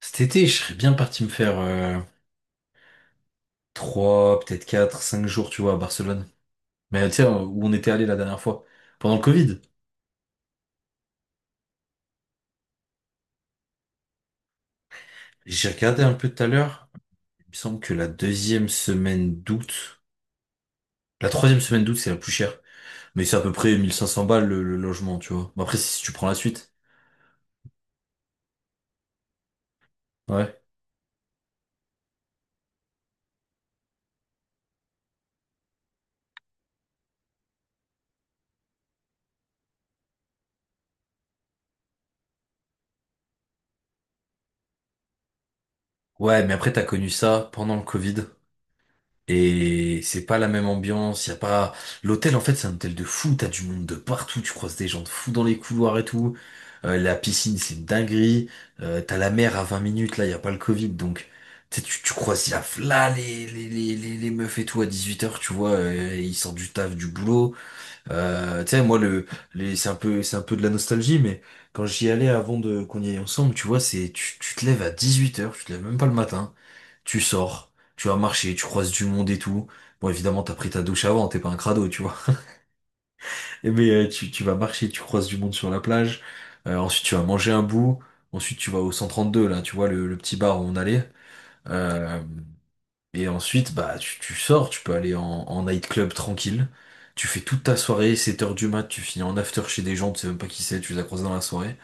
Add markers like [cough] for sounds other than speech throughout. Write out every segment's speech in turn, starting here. Cet été, je serais bien parti me faire 3, peut-être 4, 5 jours, tu vois, à Barcelone. Mais tu sais, où on était allé la dernière fois, pendant le Covid. J'ai regardé un peu tout à l'heure. Il me semble que la deuxième semaine d'août, la troisième semaine d'août, c'est la plus chère. Mais c'est à peu près 1500 balles le logement, tu vois. Bon, après, si tu prends la suite. Ouais. Ouais, mais après, t'as connu ça pendant le Covid. Et c'est pas la même ambiance, y a pas... L'hôtel, en fait, c'est un hôtel de fou, t'as du monde de partout, tu croises des gens de fous dans les couloirs et tout. La piscine, c'est une dinguerie. T'as la mer à 20 minutes, là, y a pas le Covid, donc... Tu sais, tu croises y a là les meufs et tout à 18h tu vois, ils sortent du taf, du boulot. Tu sais, moi, c'est un peu de la nostalgie, mais quand j'y allais avant de qu'on y aille ensemble, tu vois, tu te lèves à 18h tu te lèves même pas le matin, tu sors, tu vas marcher, tu croises du monde et tout. Bon, évidemment, t'as pris ta douche avant, t'es pas un crado, tu vois. [laughs] Mais tu vas marcher, tu croises du monde sur la plage, ensuite tu vas manger un bout, ensuite tu vas au 132 là, tu vois, le petit bar où on allait. Euh, et ensuite, bah, tu sors, tu peux aller en nightclub tranquille. Tu fais toute ta soirée, 7h du mat, tu finis en after chez des gens, tu sais même pas qui c'est, tu les as croisés dans la soirée.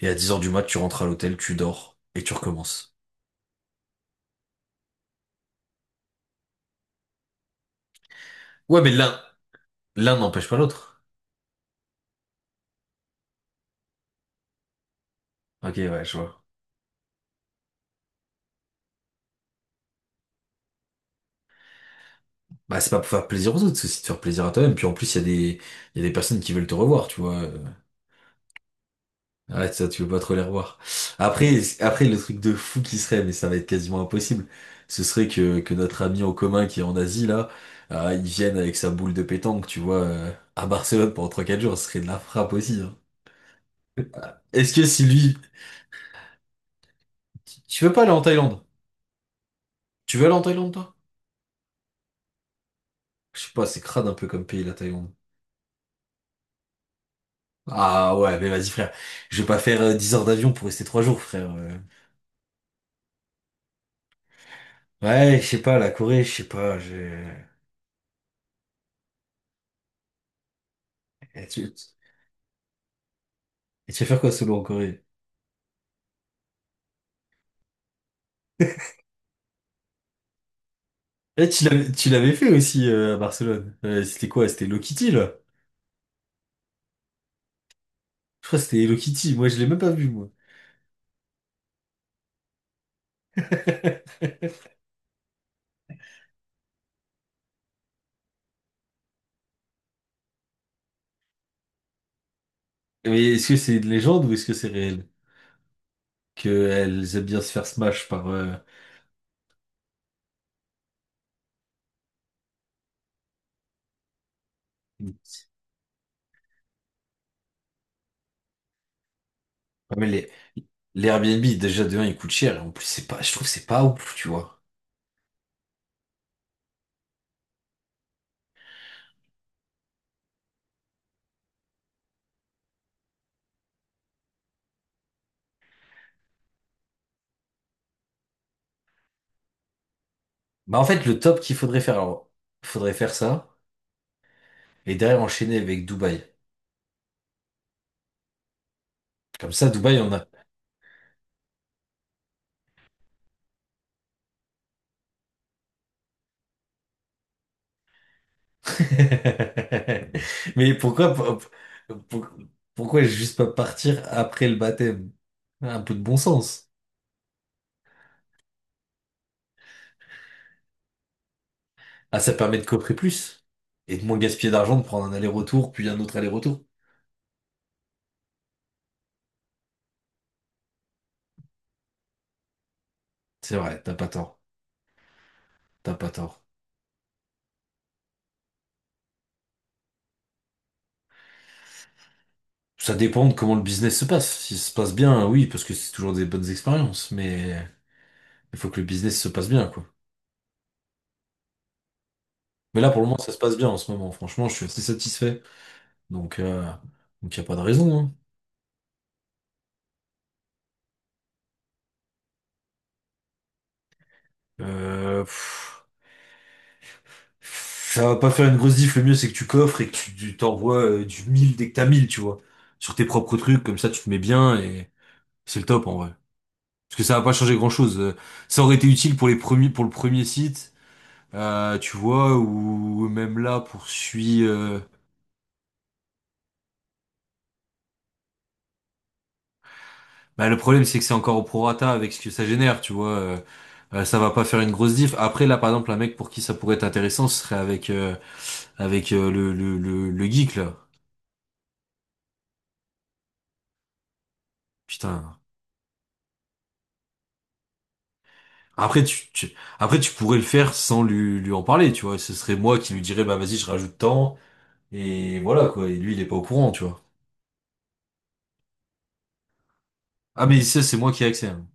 Et à 10h du mat, tu rentres à l'hôtel, tu dors, et tu recommences. Ouais, mais l'un n'empêche pas l'autre. Ok, ouais, je vois. Bah, c'est pas pour faire plaisir aux autres, c'est aussi de faire plaisir à toi-même. Puis en plus, il y a des personnes qui veulent te revoir, tu vois. Ouais, ça, tu veux pas trop les revoir. Après, après, le truc de fou qui serait, mais ça va être quasiment impossible, ce serait que notre ami en commun qui est en Asie, là, il vienne avec sa boule de pétanque, tu vois, à Barcelone pendant trois quatre jours, ce serait de la frappe aussi, hein. Est-ce que si lui... Tu veux pas aller en Thaïlande? Tu veux aller en Thaïlande, toi? Je sais pas, c'est crade un peu comme pays, la Thaïlande. Ah ouais, mais vas-y, frère. Je vais pas faire 10 heures d'avion pour rester 3 jours, frère. Ouais, je sais pas, la Corée, je sais pas, j'ai... Et tu... Et tu vas faire quoi solo en Corée? Eh, tu l'avais fait aussi à Barcelone. C'était quoi? C'était Hello Kitty, là? Je crois que c'était Hello Kitty. Moi, je l'ai même pas vu, moi. [laughs] Mais est-ce que c'est une légende ou est-ce que c'est réel? Qu'elles aiment bien se faire smash par... Ah, mais les Airbnb, déjà, de un, ils coûtent cher. Et en plus, c'est pas, je trouve que c'est pas ouf, tu vois. Bah, en fait, le top qu'il faudrait faire, alors, il faudrait faire ça et derrière enchaîner avec Dubaï. Comme ça, Dubaï, on a, [laughs] Mais pourquoi, pour- pourquoi juste pas partir après le baptême? Un peu de bon sens. Ah, ça permet de coffrer plus et de moins gaspiller d'argent, de prendre un aller-retour, puis un autre aller-retour. C'est vrai, t'as pas tort. T'as pas tort. Ça dépend de comment le business se passe. Si ça se passe bien, oui, parce que c'est toujours des bonnes expériences, mais il faut que le business se passe bien, quoi. Mais là, pour le moment, ça se passe bien en ce moment. Franchement, je suis assez satisfait. Donc, euh, donc y a pas de raison, hein. Pff. Ça va pas faire une grosse diff, le mieux c'est que tu coffres et que tu t'envoies du 1000 dès que t'as 1000 tu vois. Sur tes propres trucs, comme ça tu te mets bien et c'est le top en vrai. Parce que ça va pas changer grand-chose. Ça aurait été utile pour les premiers, pour le premier site, tu vois, ou même là poursuit. Bah, le problème c'est que c'est encore au prorata avec ce que ça génère, tu vois. Ça va pas faire une grosse diff. Après là, par exemple, un mec pour qui ça pourrait être intéressant, ce serait avec le geek là. Putain. Après tu, tu- après tu pourrais le faire sans lui en parler, tu vois. Ce serait moi qui lui dirais bah vas-y je rajoute tant et voilà quoi. Et lui il est pas au courant, tu vois. Ah mais ça c'est moi qui ai accès, hein.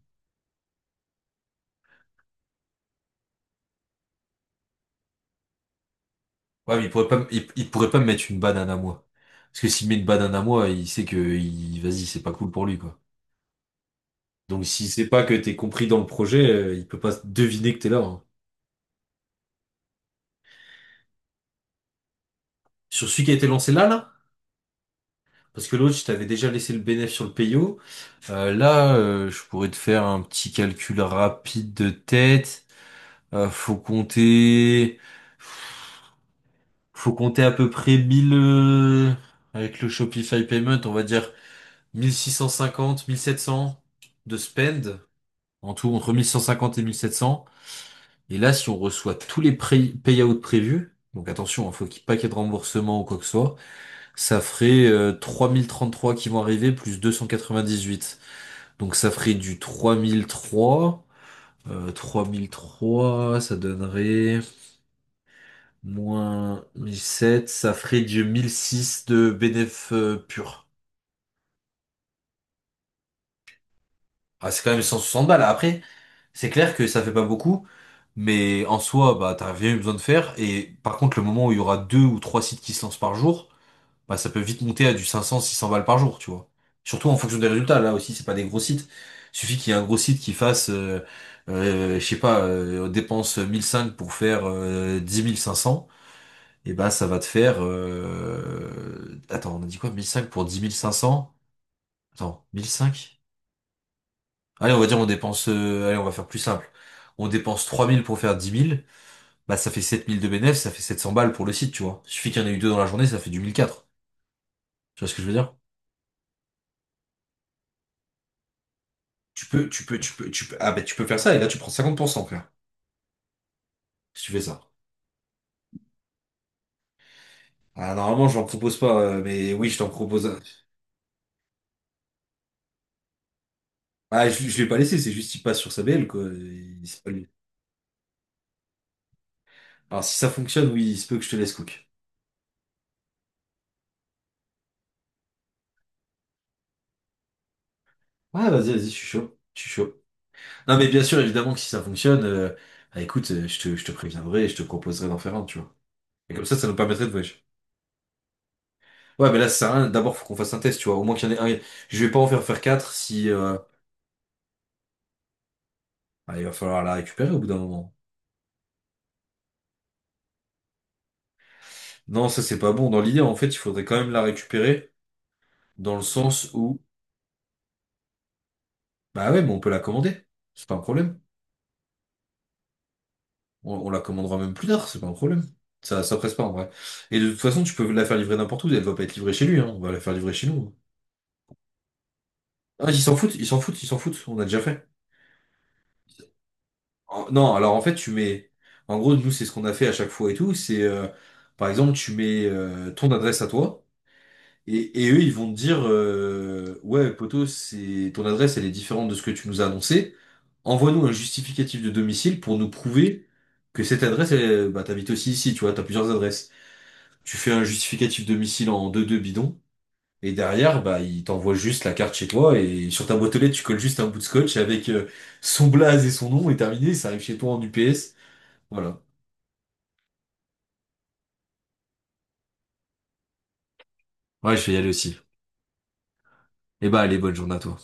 Ouais mais il pourrait pas me mettre une banane à moi. Parce que s'il met une banane à moi, il sait que il vas-y c'est pas cool pour lui quoi. Donc s'il sait pas que t'es compris dans le projet, il peut pas deviner que t'es là, hein. Sur celui qui a été lancé là, parce que l'autre je t'avais déjà laissé le bénéfice sur le payo. Là, je pourrais te faire un petit calcul rapide de tête. Euh, faut compter, faut compter à peu près 1000, avec le Shopify Payment, on va dire 1650, 1700 de spend, en tout entre 1150 et 1700. Et là, si on reçoit tous les payouts prévus, donc attention, hein, faut qu'il n'y ait pas qu'il y ait de remboursement ou quoi que ce soit, ça ferait 3033 qui vont arriver plus 298. Donc ça ferait du 3003, 3003, ça donnerait... Moins 1007, ça ferait du 1006 de bénéf pur. Ah, c'est quand même 160 balles. Après, c'est clair que ça fait pas beaucoup, mais en soi, bah, t'as rien eu besoin de faire. Et par contre, le moment où il y aura deux ou trois sites qui se lancent par jour, bah, ça peut vite monter à du 500, 600 balles par jour, tu vois. Surtout en fonction des résultats. Là aussi, c'est pas des gros sites. Suffit qu'il y ait un gros site qui fasse, je sais pas, dépense 1005 pour faire 10 500. Et bah ça va te faire... Attends, on a dit quoi? 1005 pour 10 500? Attends, 1005? Allez, on va dire on dépense... Allez, on va faire plus simple. On dépense 3000 pour faire 10 000. Bah ça fait 7000 de bénéfice, ça fait 700 balles pour le site, tu vois. Suffit qu'il y en ait eu deux dans la journée, ça fait du 1004. Tu vois ce que je veux dire? Tu peux, tu peux, tu peux, tu peux. Ah bah tu peux faire ça et là tu prends 50%, frère. Si tu fais ça. Ah normalement je j'en propose pas, mais oui je t'en propose, un. Ah, je l'ai pas laissé, c'est juste il passe sur sa BL quoi. C'est pas lui. Alors si ça fonctionne, oui, il se peut que je te laisse cook. Ouais, vas-y, vas-y, je suis chaud. Je suis chaud. Non, mais bien sûr, évidemment que si ça fonctionne, bah, écoute, je te préviendrai et je te proposerai d'en faire un, tu vois. Et comme ça nous permettrait de voyager. Ouais, mais là, ça sert à rien. D'abord, faut qu'on fasse un test, tu vois. Au moins qu'il y en ait un. Je vais pas en faire faire quatre si, ah, il va falloir la récupérer au bout d'un moment. Non, ça, c'est pas bon. Dans l'idée, en fait, il faudrait quand même la récupérer dans le sens où, bah ouais, mais on peut la commander. C'est pas un problème. On la commandera même plus tard, c'est pas un problème. Ça presse pas, en vrai. Et de toute façon, tu peux la faire livrer n'importe où. Elle va pas être livrée chez lui, hein. On va la faire livrer chez nous, hein. Ah, ils s'en foutent, ils s'en foutent, ils s'en foutent, on a déjà fait. Non, alors en fait, tu mets. En gros, nous, c'est ce qu'on a fait à chaque fois et tout. C'est par exemple, tu mets ton adresse à toi. Et eux, ils vont te dire ouais, poto, c'est ton adresse, elle est différente de ce que tu nous as annoncé. Envoie-nous un justificatif de domicile pour nous prouver que cette adresse, elle, bah, t'habites aussi ici, tu vois, t'as plusieurs adresses. Tu fais un justificatif domicile en deux 2 bidon. Et derrière, bah, il t'envoie juste la carte chez toi et sur ta boîte aux lettres, tu colles juste un bout de scotch avec son blaze et son nom et terminé, ça arrive chez toi en UPS. Voilà. Ouais, je vais y aller aussi. Et bah, allez, bonne journée à toi.